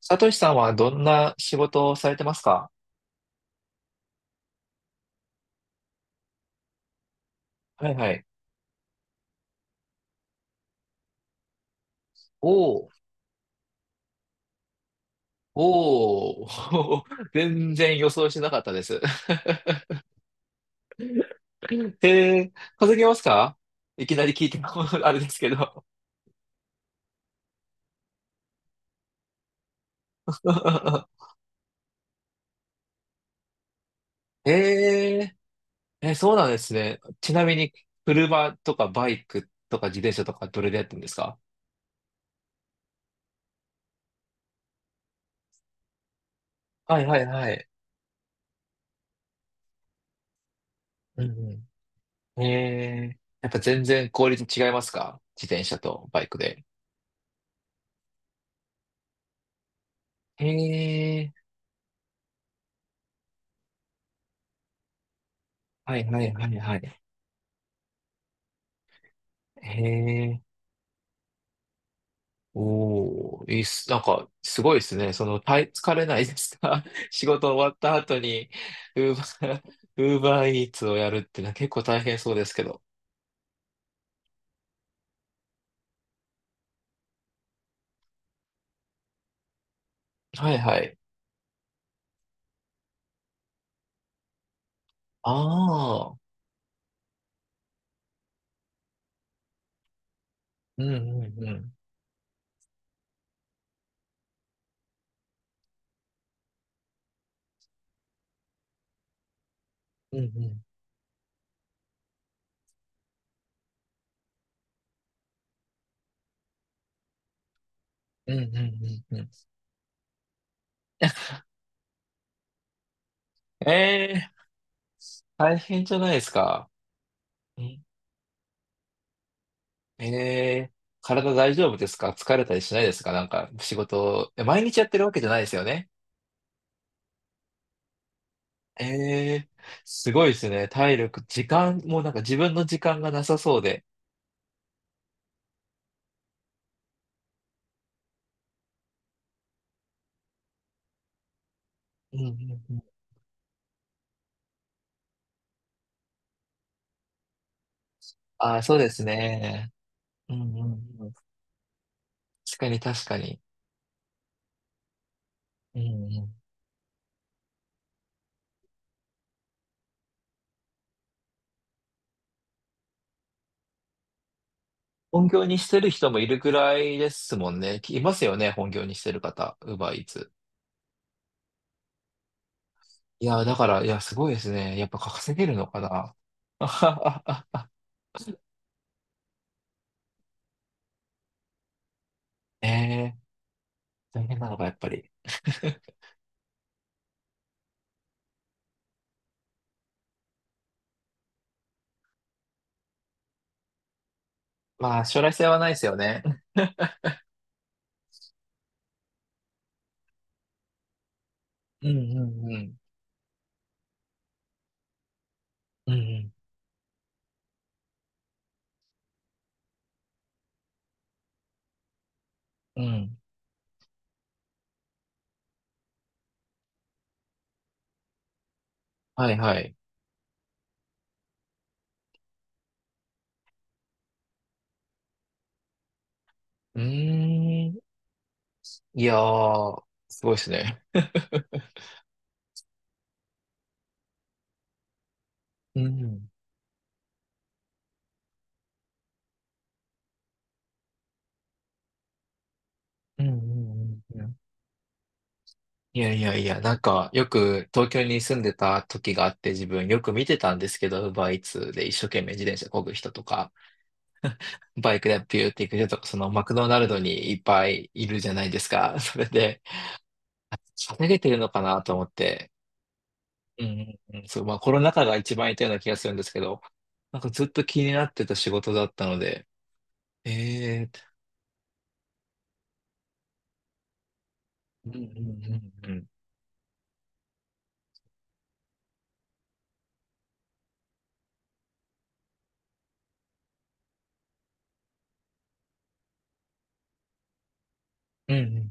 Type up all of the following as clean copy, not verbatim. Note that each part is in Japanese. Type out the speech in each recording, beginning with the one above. サトシさんはどんな仕事をされてますか？はいはい。おー、おー、全然予想してなかったです。えー、稼げますか？いきなり聞いても あれですけど。えそうなんですね。ちなみに、車とかバイクとか自転車とかどれでやってるんですか？はいはいはい。うんうん。やっぱ全然効率違いますか、自転車とバイクで？えー、はいはいはいはい。へ、おー、いいっす。なんか、すごいですね。その、疲れないですか 仕事終わった後に、ウーバー、ウーバーイーツをやるってのは結構大変そうですけど。はいはい。ああ、うんうんうん。うんうんうんうんうんうん。ええ、大変じゃないですか。ええー、体大丈夫ですか？疲れたりしないですか？なんか、仕事、毎日やってるわけじゃないですよね？ええ、すごいですね。体力、時間、もうなんか自分の時間がなさそうで。うんうんうん。ああ、そうですね。うんうんうん。確かに確かに。うんうん。本業にしてる人もいるぐらいですもんね。いますよね、本業にしてる方。ウーバーイーツ。いや、だから、いや、すごいですね。やっぱ稼げるのかな。あはははええ、大変なのか、やっぱり。まあ、将来性はないですよね。うんうんうん。うんうん。うん。はいはい。うーん。いやー、すごいですね。うん。うんうんうんうん。いやいやいや、なんか、よく東京に住んでた時があって、自分よく見てたんですけど、ウーバーイーツで一生懸命自転車漕ぐ人とか、バイクでピューって行く人とか、そのマクドナルドにいっぱいいるじゃないですか。それで、稼げてるのかなと思って、うんうんうん、そう、まあコロナ禍が一番いたような気がするんですけど、なんかずっと気になってた仕事だったので、えー、うんうんうんうん。うんうん。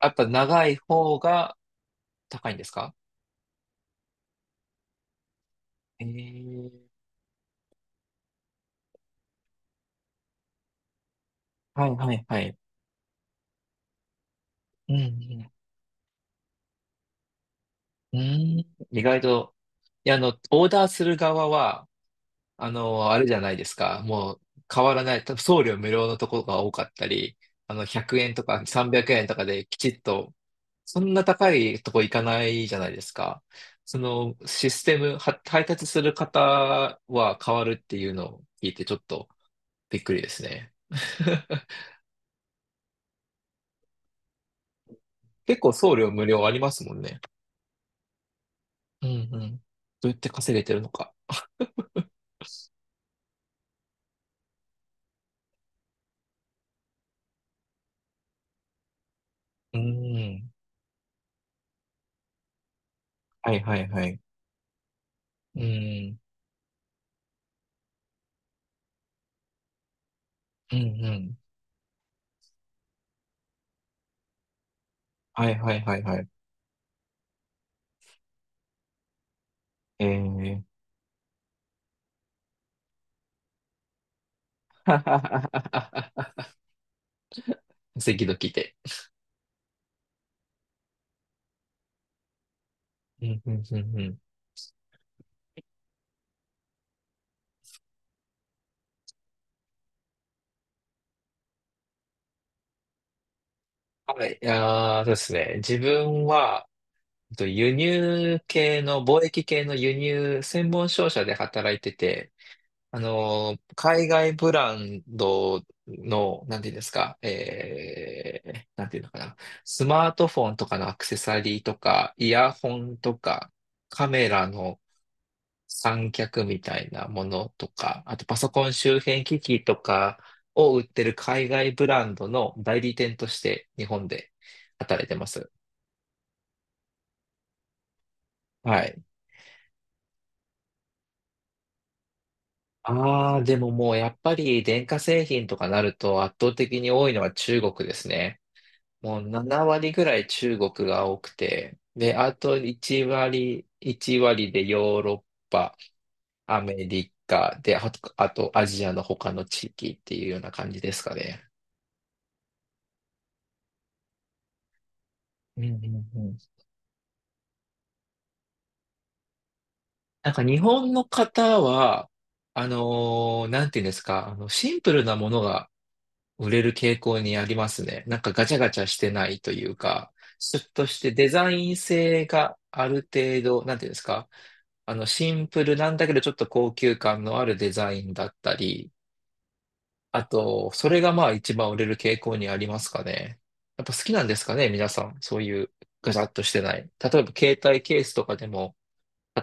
やっぱ長い方が高いんですか？えー、はいはいはい。うんうん、うーん、意外と、いや、あの、オーダーする側は、あの、あれじゃないですか。もう変わらない。多分送料無料のところが多かったり、あの、100円とか300円とかできちっと、そんな高いとこ行かないじゃないですか。そのシステムは配達する方は変わるっていうのを聞いてちょっとびっくりですね。結構送料無料ありますもんね。うんうん。どうやって稼げてるのか。うん。はいはいはい。うん、うん、うん。はいはいはいはい。ええ。 赤道来て。うん、うん、うん、うん。はい、あー、そうですね。自分は、輸入系の、貿易系の輸入専門商社で働いてて、海外ブランドの、なんていうんですか、なんていうのかな、スマートフォンとかのアクセサリーとか、イヤホンとか、カメラの三脚みたいなものとか、あとパソコン周辺機器とかを売ってる海外ブランドの代理店として日本で働いてます。はい。ああ、でももうやっぱり電化製品とかなると圧倒的に多いのは中国ですね。もう7割ぐらい中国が多くて、で、あと1割、1割でヨーロッパ、アメリカで、あと、あとアジアの他の地域っていうような感じですかね。うんうんうん、なんか日本の方は、なんていうんですか、あの、シンプルなものが売れる傾向にありますね。なんかガチャガチャしてないというか、ちょっとしてデザイン性がある程度、なんていうんですか、あの、シンプルなんだけどちょっと高級感のあるデザインだったり、あと、それがまあ一番売れる傾向にありますかね。やっぱ好きなんですかね、皆さん。そういうガチャっとしてない。例えば携帯ケースとかでも、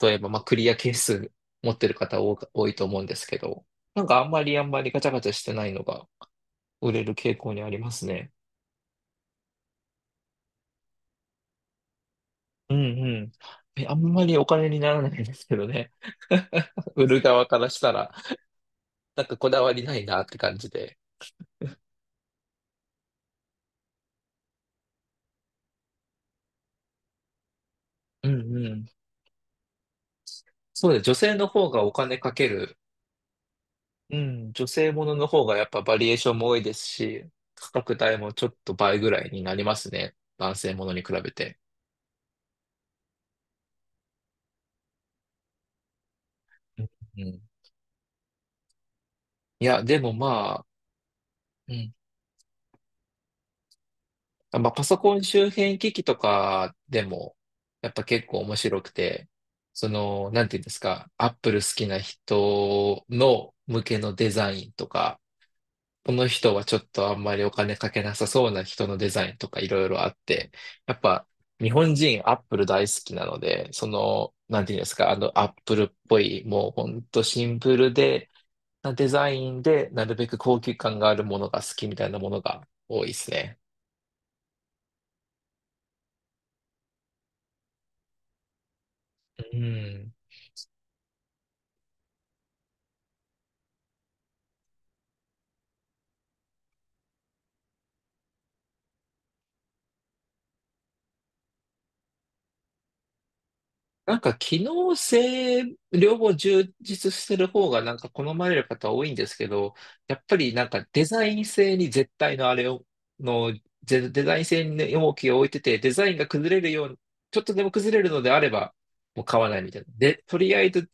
例えば、まあ、クリア係数持ってる方多か多いと思うんですけど、なんかあんまりガチャガチャしてないのが売れる傾向にありますね。うんうん。あんまりお金にならないんですけどね。売る側からしたら、なんかこだわりないなって感じで。うんうん。そうです。女性の方がお金かける。うん。女性ものの方がやっぱバリエーションも多いですし、価格帯もちょっと倍ぐらいになりますね。男性ものに比べて。うんうん。いや、でもまあ、うん、まあ、パソコン周辺機器とかでも、やっぱ結構面白くて、その、なんていうんですか、アップル好きな人の向けのデザインとか、この人はちょっとあんまりお金かけなさそうな人のデザインとかいろいろあって、やっぱ日本人アップル大好きなので、その、なんていうんですか、あのアップルっぽい、もうほんとシンプルで、なデザインで、なるべく高級感があるものが好きみたいなものが多いですね。うん。なんか機能性、両方充実してる方がなんか好まれる方多いんですけど、やっぱりなんかデザイン性に絶対のあれを、の、デザイン性に重きを置いてて、デザインが崩れるように、ちょっとでも崩れるのであれば、もう買わないみたいな。で、とりあえず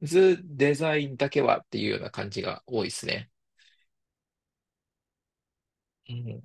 デザインだけはっていうような感じが多いですね。うん